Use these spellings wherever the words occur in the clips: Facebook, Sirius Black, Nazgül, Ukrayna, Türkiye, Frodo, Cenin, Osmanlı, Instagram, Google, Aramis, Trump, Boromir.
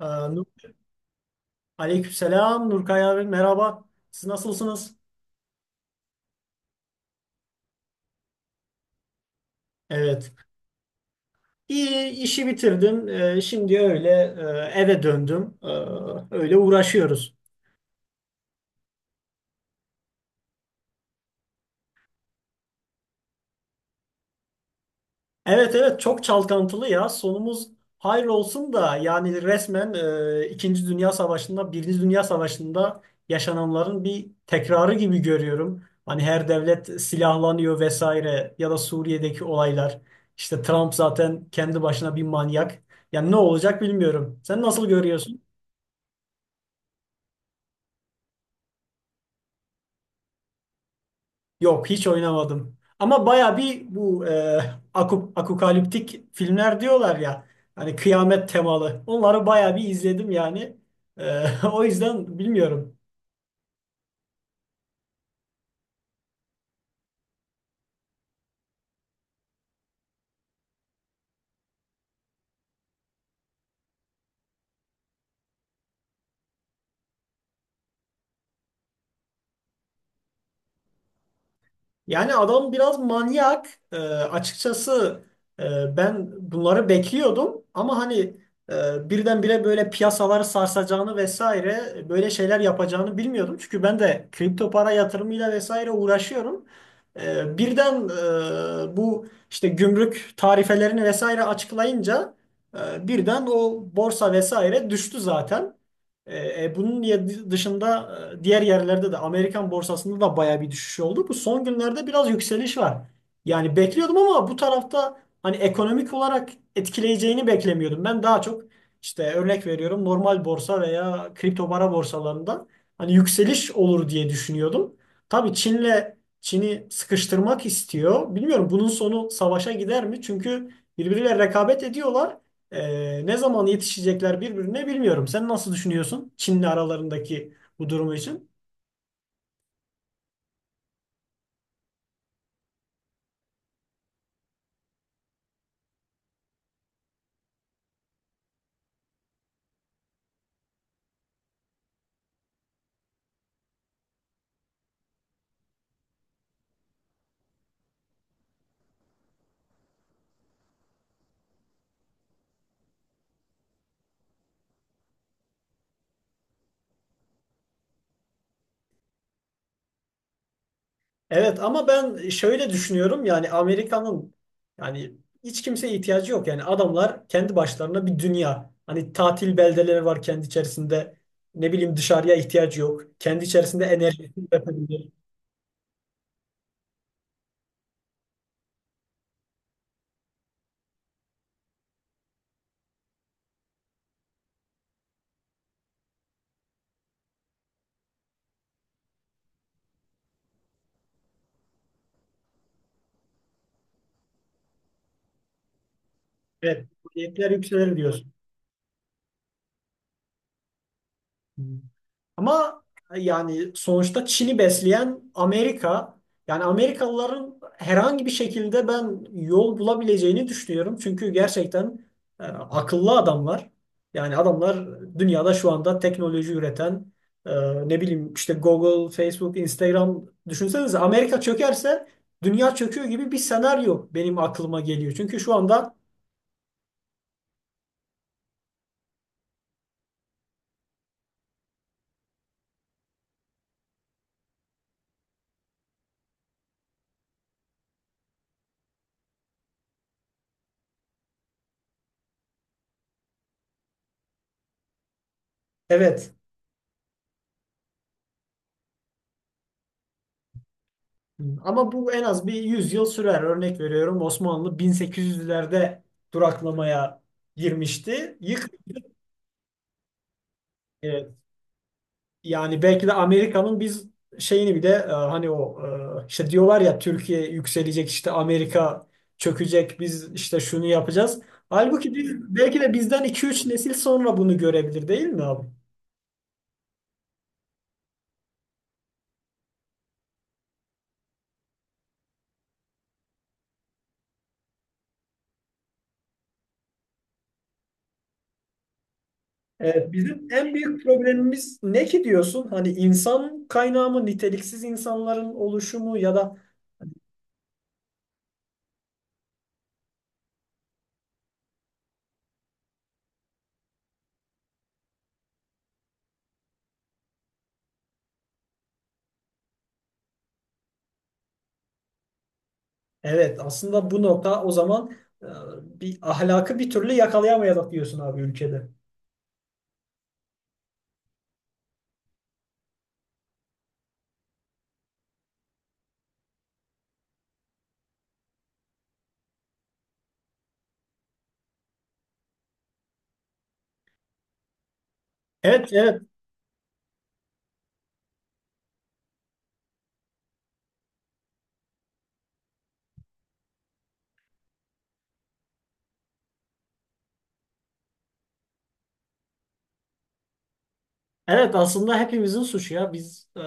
Nur, aleykümselam Nurkay abi merhaba. Siz nasılsınız? Evet. İyi, işi bitirdim. Şimdi öyle eve döndüm. Öyle uğraşıyoruz. Evet, evet, çok çalkantılı ya. Sonumuz hayır olsun da, yani resmen İkinci Dünya Savaşı'nda, Birinci Dünya Savaşı'nda yaşananların bir tekrarı gibi görüyorum. Hani her devlet silahlanıyor vesaire, ya da Suriye'deki olaylar. İşte Trump zaten kendi başına bir manyak. Yani ne olacak bilmiyorum. Sen nasıl görüyorsun? Yok, hiç oynamadım. Ama baya bir bu apokaliptik filmler diyorlar ya. Hani kıyamet temalı. Onları baya bir izledim yani. E, o yüzden bilmiyorum. Yani adam biraz manyak. Açıkçası ben bunları bekliyordum ama hani birdenbire böyle piyasaları sarsacağını vesaire, böyle şeyler yapacağını bilmiyordum. Çünkü ben de kripto para yatırımıyla vesaire uğraşıyorum. Birden bu işte gümrük tarifelerini vesaire açıklayınca birden o borsa vesaire düştü zaten. Bunun dışında diğer yerlerde de, Amerikan borsasında da baya bir düşüş oldu. Bu son günlerde biraz yükseliş var. Yani bekliyordum ama bu tarafta hani ekonomik olarak etkileyeceğini beklemiyordum. Ben daha çok işte, örnek veriyorum, normal borsa veya kripto para borsalarında hani yükseliş olur diye düşünüyordum. Tabii Çin'le Çin'i sıkıştırmak istiyor. Bilmiyorum, bunun sonu savaşa gider mi? Çünkü birbiriyle rekabet ediyorlar. Ne zaman yetişecekler birbirine bilmiyorum. Sen nasıl düşünüyorsun Çin'le aralarındaki bu durumu için? Evet, ama ben şöyle düşünüyorum, yani Amerika'nın, yani hiç kimseye ihtiyacı yok. Yani adamlar kendi başlarına bir dünya. Hani tatil beldeleri var kendi içerisinde. Ne bileyim, dışarıya ihtiyacı yok. Kendi içerisinde enerjisini yapabilir. Evet, maliyetler yükselir diyorsun. Ama yani sonuçta Çin'i besleyen Amerika. Yani Amerikalıların herhangi bir şekilde ben yol bulabileceğini düşünüyorum. Çünkü gerçekten akıllı adamlar. Yani adamlar dünyada şu anda teknoloji üreten ne bileyim işte Google, Facebook, Instagram, düşünsenize Amerika çökerse dünya çöküyor gibi bir senaryo benim aklıma geliyor. Çünkü şu anda, evet. Ama bu en az 100 yıl sürer. Örnek veriyorum, Osmanlı 1800'lerde duraklamaya girmişti. E, Yani belki de Amerika'nın biz şeyini bile, hani o işte diyorlar ya, Türkiye yükselecek, işte Amerika çökecek, biz işte şunu yapacağız. Halbuki biz belki de bizden 2-3 nesil sonra bunu görebilir, değil mi abi? Evet, bizim en büyük problemimiz ne ki diyorsun? Hani insan kaynağı mı, niteliksiz insanların oluşumu ya da... Evet, aslında bu nokta o zaman, e, bir ahlakı bir türlü yakalayamayalım diyorsun abi ülkede. Evet, evet. Evet, aslında hepimizin suçu ya. Biz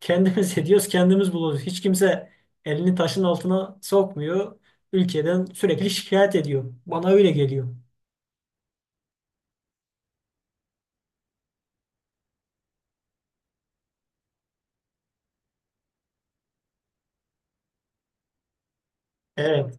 kendimiz ediyoruz, kendimiz buluyoruz. Hiç kimse elini taşın altına sokmuyor. Ülkeden sürekli şikayet ediyor. Bana öyle geliyor. Evet.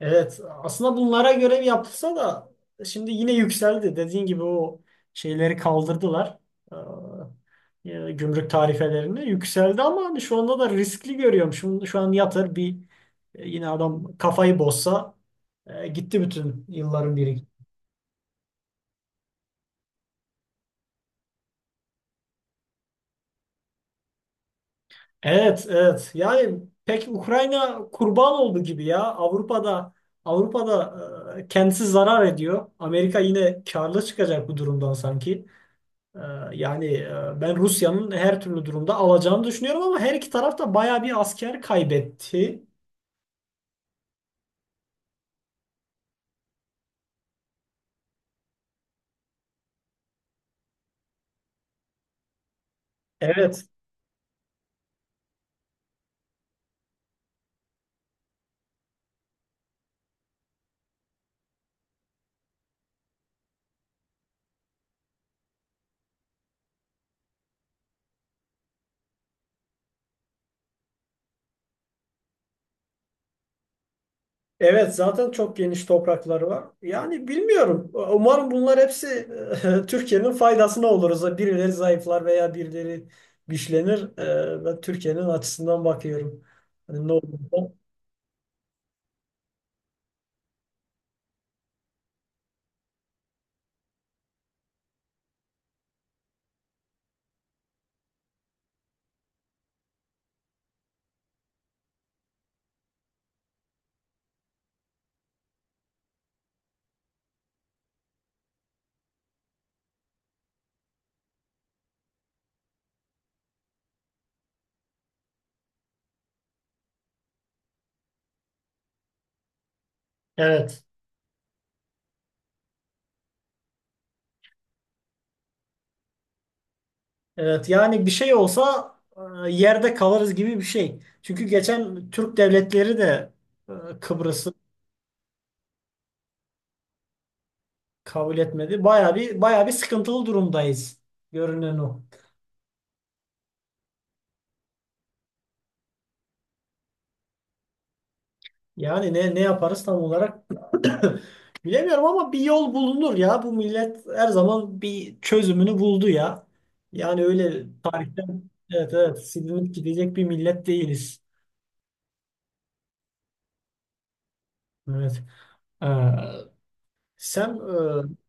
Evet, aslında bunlara görev yapılsa da şimdi yine yükseldi. Dediğin gibi o şeyleri kaldırdılar. Gümrük tarifelerini yükseldi ama hani şu anda da riskli görüyorum. Şu an yatır bir yine adam kafayı bozsa gitti bütün yılların biri. Evet, evet. Yani pek Ukrayna kurban oldu gibi ya. Avrupa'da kendisi zarar ediyor. Amerika yine karlı çıkacak bu durumdan sanki. Ee, Yani ben Rusya'nın her türlü durumda alacağını düşünüyorum ama her iki taraf da bayağı bir asker kaybetti. Evet. Evet, zaten çok geniş toprakları var. Yani bilmiyorum. Umarım bunlar hepsi Türkiye'nin faydasına oluruz. Birileri zayıflar veya birileri güçlenir. Ben Türkiye'nin açısından bakıyorum. Hani ne olursa. Evet. Evet, yani bir şey olsa yerde kalırız gibi bir şey. Çünkü geçen Türk devletleri de Kıbrıs'ı kabul etmedi. Baya bir sıkıntılı durumdayız. Görünen o. Yani ne ne yaparız tam olarak bilemiyorum ama bir yol bulunur ya. Bu millet her zaman bir çözümünü buldu ya. Yani öyle tarihten, evet, evet, silinip gidecek bir millet değiliz. Evet. Ee, Sen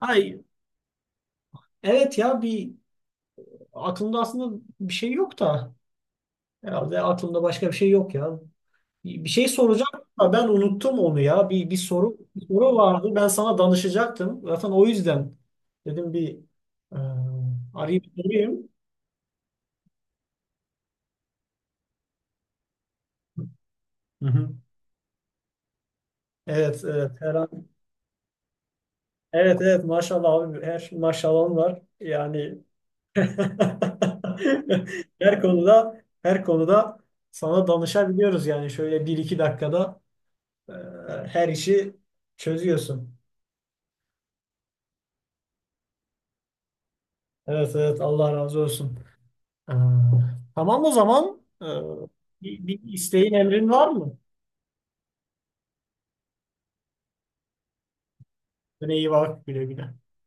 ay, evet ya, bir aklımda aslında bir şey yok da, herhalde aklımda başka bir şey yok ya. Bir şey soracaktım ama ben unuttum onu ya. Bir soru vardı. Ben sana danışacaktım. Zaten o yüzden dedim bir e, arayıp sorayım. Hı hı. Evet, evet. Evet, evet. Maşallah abi. Her şey, maşallahın var. Yani her konuda her konuda sana danışabiliyoruz yani. Şöyle bir 2 dakikada e, her işi çözüyorsun. Evet, evet. Allah razı olsun. Ee, tamam o zaman. Bir isteğin emrin var mı? Böyle iyi, bak, güle güle.